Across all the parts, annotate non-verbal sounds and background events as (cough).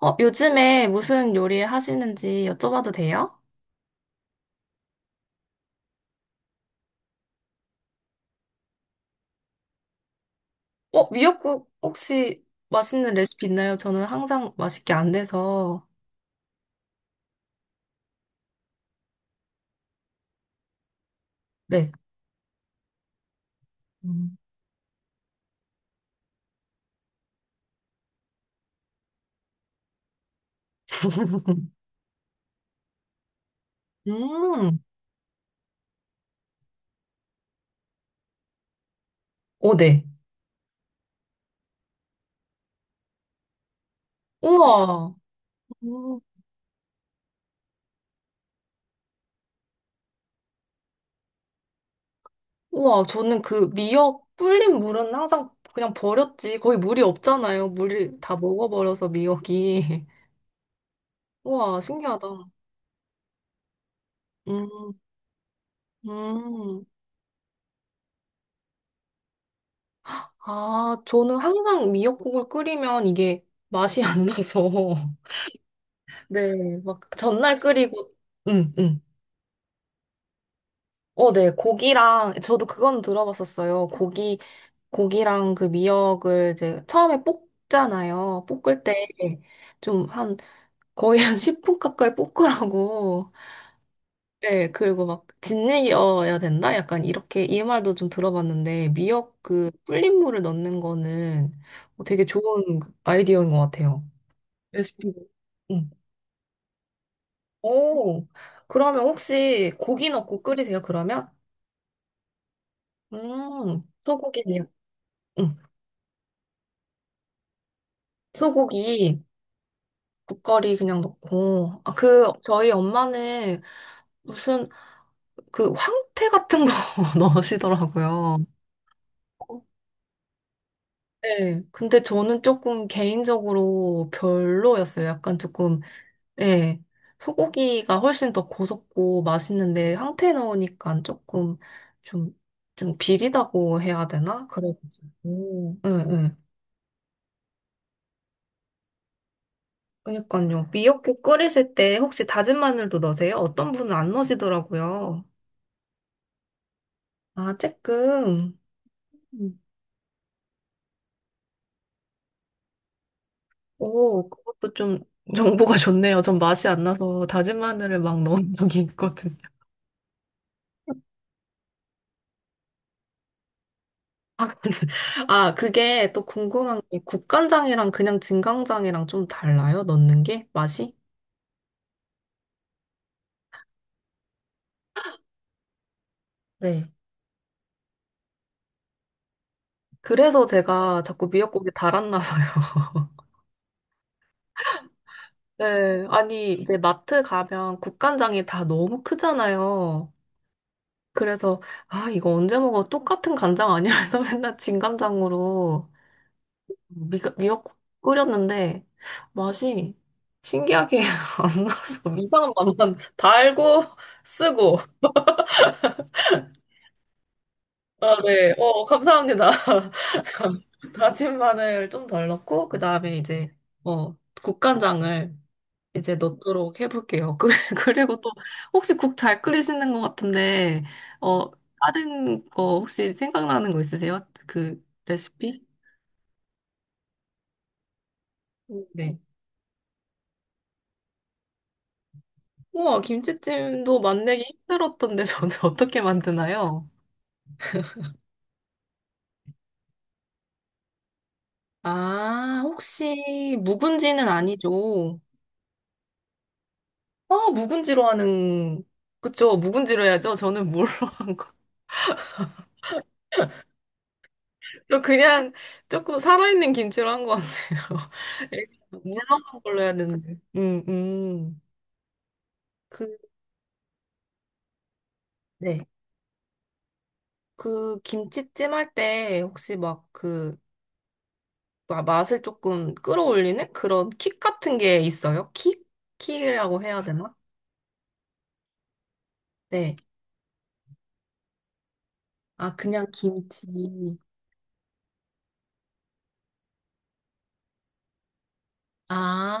요즘에 무슨 요리 하시는지 여쭤봐도 돼요? 미역국 혹시 맛있는 레시피 있나요? 저는 항상 맛있게 안 돼서. 네. (laughs) 음. 오, 네. 우와. 음, 우와, 저는 그 미역 불린 물은 항상 그냥 버렸지. 거의 물이 없잖아요. 물이 다 먹어버려서 미역이. (laughs) 우와, 신기하다. 음, 음. 아, 저는 항상 미역국을 끓이면 이게 맛이 안 나서. 네, 막 전날 끓이고 응, 응. 어, 네. 고기랑 저도 그건 들어봤었어요. 고기 고기랑 그 미역을 이제 처음에 볶잖아요. 볶을 때 좀 한 거의 한 (laughs) 10분 가까이 볶으라고. 네, 그리고 막 짓이어야 된다? 약간 이렇게 이 말도 좀 들어봤는데 미역 그 불린 물을 넣는 거는 되게 좋은 아이디어인 것 같아요. 레시피. 응. 오, 그러면 혹시 고기 넣고 끓이세요, 그러면? 소고기네요. 응. 소고기, 국거리 그냥 넣고. 아, 그, 저희 엄마는 무슨, 그, 황태 같은 거 (laughs) 넣으시더라고요. 네. 근데 저는 조금 개인적으로 별로였어요. 약간 조금, 예. 소고기가 훨씬 더 고소고 맛있는데, 황태 넣으니까 조금, 좀, 좀 비리다고 해야 되나? 그래가지고. 응, 응. 그러니까요. 미역국 끓이실 때 혹시 다진 마늘도 넣으세요? 어떤 분은 안 넣으시더라고요. 아, 쬐끔. 음. 오, 그것도 좀 정보가 좋네요. 전 맛이 안 나서 다진 마늘을 막 넣은 적이 있거든요. 아, (laughs) 근데- 아, 그게 또 궁금한 게 국간장이랑 그냥 진간장이랑 좀 달라요? 넣는 게? 맛이? 네. 그래서 제가 자꾸 미역국에 달았나 봐요. (laughs) 네. 아니, 이제 마트 가면 국간장이 다 너무 크잖아요. 그래서 아 이거 언제 먹어 똑같은 간장 아니야? 그래서 (laughs) 맨날 진간장으로 미역국 끓였는데 맛이 신기하게 (laughs) 안 나서 이상한 맛만 달고 쓰고 아 네 어 감사합니다 (laughs) 다진 마늘 좀 덜 넣고 그 다음에 이제 어 국간장을 이제 넣도록 해볼게요. (laughs) 그- 그리고 또 혹시 국 잘 끓이시는 것 같은데 어 다른 거 혹시 생각나는 거 있으세요? 그 레시피? 네. 우와 김치찜도 만들기 힘들었던데 저는 (laughs) 어떻게 만드나요? 아 혹시 묵은지는 아니죠? 아 묵은지로 하는 그쵸 묵은지로 해야죠. 저는 뭘로 (laughs) 한 거? 저 그냥 조금 살아있는 김치로 한 것 같아요. (laughs) 물렁한 걸로 해야 되는데. 그, 네. 그 김치찜 할 때 혹시 막 그, 맛을 조금 끌어올리는 그런 킥 같은 게 있어요? 킥? 킥이라고 해야 되나? 네. 아, 그냥 김치. 아,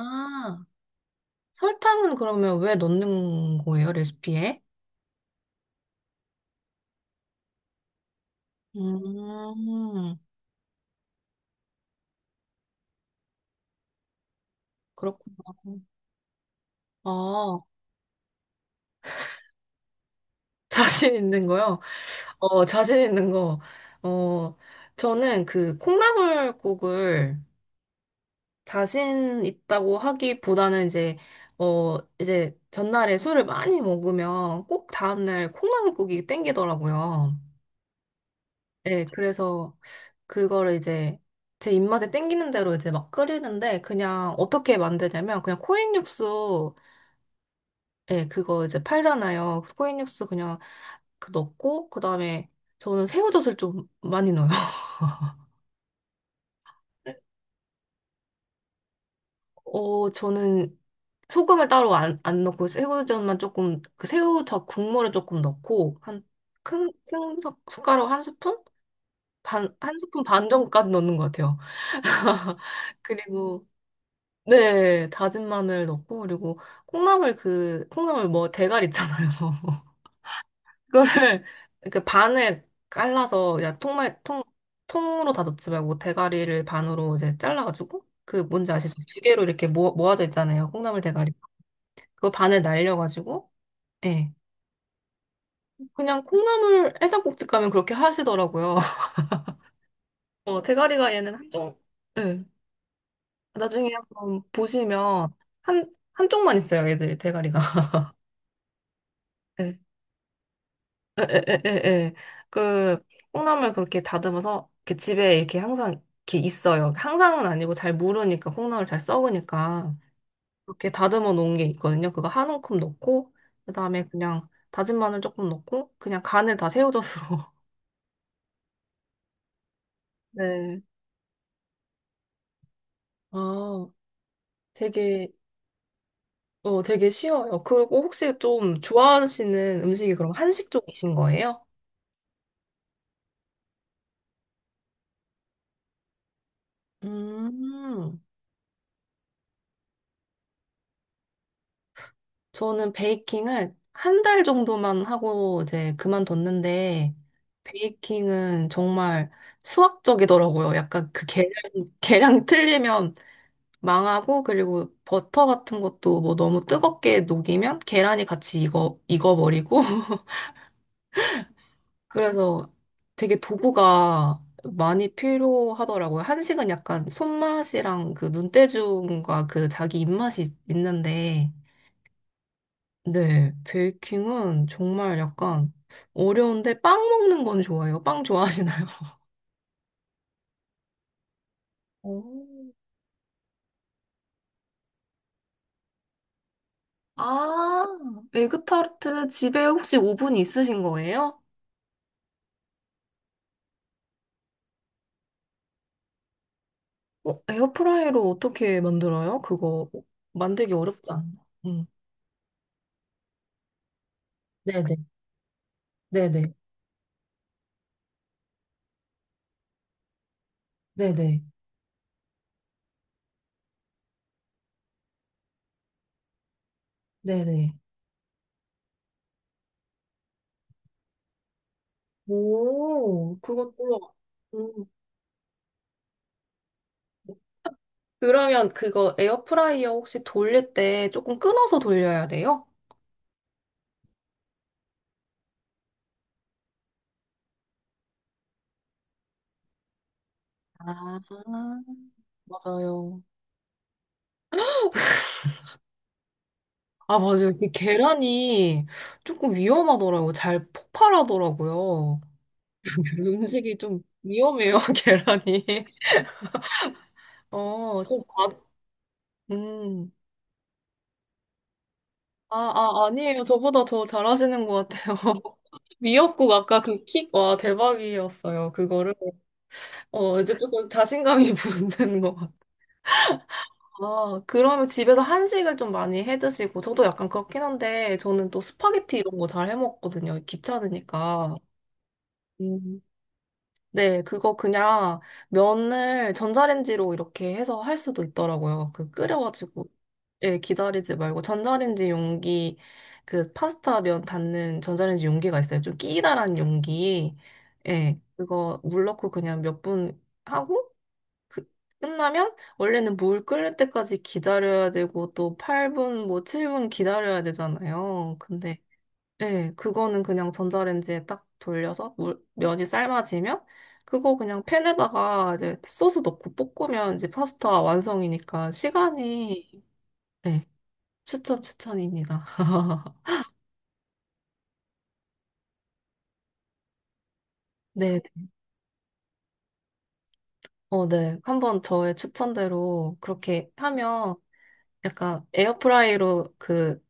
설탕은 그러면 왜 넣는 거예요, 레시피에? 음, 그렇구나. 아, (laughs) 자신 있는 거요? 자신 있는 거. 어, 저는 그 콩나물국을 자신 있다고 하기보다는 이제 이제 전날에 술을 많이 먹으면 꼭 다음날 콩나물국이 땡기더라고요. 네, 그래서 그거를 이제 제 입맛에 땡기는 대로 이제 막 끓이는데 그냥 어떻게 만드냐면 그냥 코인 육수 예, 그거 이제 팔잖아요. 코인 육수 그냥 그 넣고 그다음에 저는 새우젓을 좀 많이 넣어요. (laughs) 저는 소금을 따로 안 넣고 새우젓만 조금 그 새우젓 국물을 조금 넣고 한큰큰 숟가락 한 스푼 반 한 스푼 반 정도까지 넣는 것 같아요. (laughs) 그리고 네 다진 마늘 넣고 그리고 콩나물 그 콩나물 뭐 대가리 있잖아요. (laughs) 그거를 그 반을 갈라서 야 통말 통 통으로 다 넣지 말고 대가리를 반으로 이제 잘라가지고 그 뭔지 아시죠? 두 개로 이렇게 모아져 있잖아요. 콩나물 대가리. 그거 반을 날려가지고 예. 그냥 콩나물 해장국집 가면 그렇게 하시더라고요. (laughs) 대가리가 얘는 한쪽, 네. 나중에 한번 보시면 한쪽만 있어요, 얘들이 대가리가. (laughs) 네. 에, 에, 에, 에, 에. 그 콩나물 그렇게 다듬어서 이렇게 집에 이렇게 항상 이렇게 있어요. 항상은 아니고 잘 무르니까 콩나물 잘 썩으니까 이렇게 다듬어 놓은 게 있거든요. 그거 한 움큼 넣고 그다음에 그냥 다진 마늘 조금 넣고 그냥 간을 다 새우젓으로. (laughs) 네. 아, 되게 되게 쉬워요. 그리고 혹시 좀 좋아하시는 음식이 그럼 한식 쪽이신 거예요? 음, 저는 베이킹을 한 달 정도만 하고 이제 그만뒀는데, 베이킹은 정말 수학적이더라고요. 약간 그 계량 틀리면 망하고, 그리고 버터 같은 것도 뭐 너무 뜨겁게 녹이면 계란이 같이 익어버리고, (laughs) 그래서 되게 도구가 많이 필요하더라고요. 한식은 약간 손맛이랑 그 눈대중과 그 자기 입맛이 있는데, 네, 베이킹은 정말 약간 어려운데 빵 먹는 건 좋아해요. 빵 좋아하시나요? (laughs) 오. 아, 에그타르트 집에 혹시 오븐 있으신 거예요? 에어프라이로 어떻게 만들어요? 그거 만들기 어렵지 않나? 응. 네네, 네네, 네네, 네네. 오, 그것도, 음. 그러면 그거 에어프라이어 혹시 돌릴 때 조금 끊어서 돌려야 돼요? 아, 맞아요. 아, 맞아요. 그 계란이 조금 위험하더라고요. 잘 폭발하더라고요. (laughs) 음식이 좀 위험해요, (laughs) 계란이. 좀 과, 음. 아, 아, 아니에요. 저보다 더 잘하시는 것 같아요. (laughs) 미역국 아까 그 킥, 와, 대박이었어요. 그거를. 이제 조금 자신감이 (laughs) 붙는 것 같아요. 아, 그러면 집에서 한식을 좀 많이 해 드시고, 저도 약간 그렇긴 한데, 저는 또 스파게티 이런 거 잘 해 먹거든요. 귀찮으니까. 음. 네, 그거 그냥 면을 전자레인지로 이렇게 해서 할 수도 있더라고요. 그 끓여가지고, 예, 기다리지 말고, 전자레인지 용기, 그 파스타 면 닿는 전자레인지 용기가 있어요. 좀 끼다란 용기. 예, 그거 물 넣고 그냥 몇 분 하고, 그- 끝나면 원래는 물 끓는 때까지 기다려야 되고 또 8분 뭐 7분 기다려야 되잖아요. 근데 네 그거는 그냥 전자레인지에 딱 돌려서 물, 면이 삶아지면 그거 그냥 팬에다가 이제 소스 넣고 볶으면 이제 파스타 완성이니까 시간이 네, 추천 추천입니다. (laughs) 네. 어, 네. 한번 저의 추천대로 그렇게 하면 약간 에어프라이로 그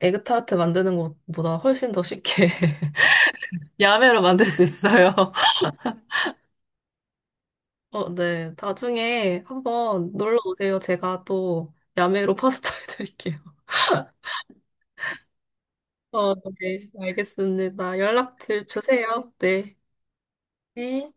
에그타르트 만드는 것보다 훨씬 더 쉽게 (laughs) 야매로 만들 수 있어요. (laughs) 어, 네. 나중에 한번 놀러 오세요. 제가 또 야매로 파스타 (laughs) 해드릴게요. 어, 네. 알겠습니다. 연락 드- 주세요. 네. 네.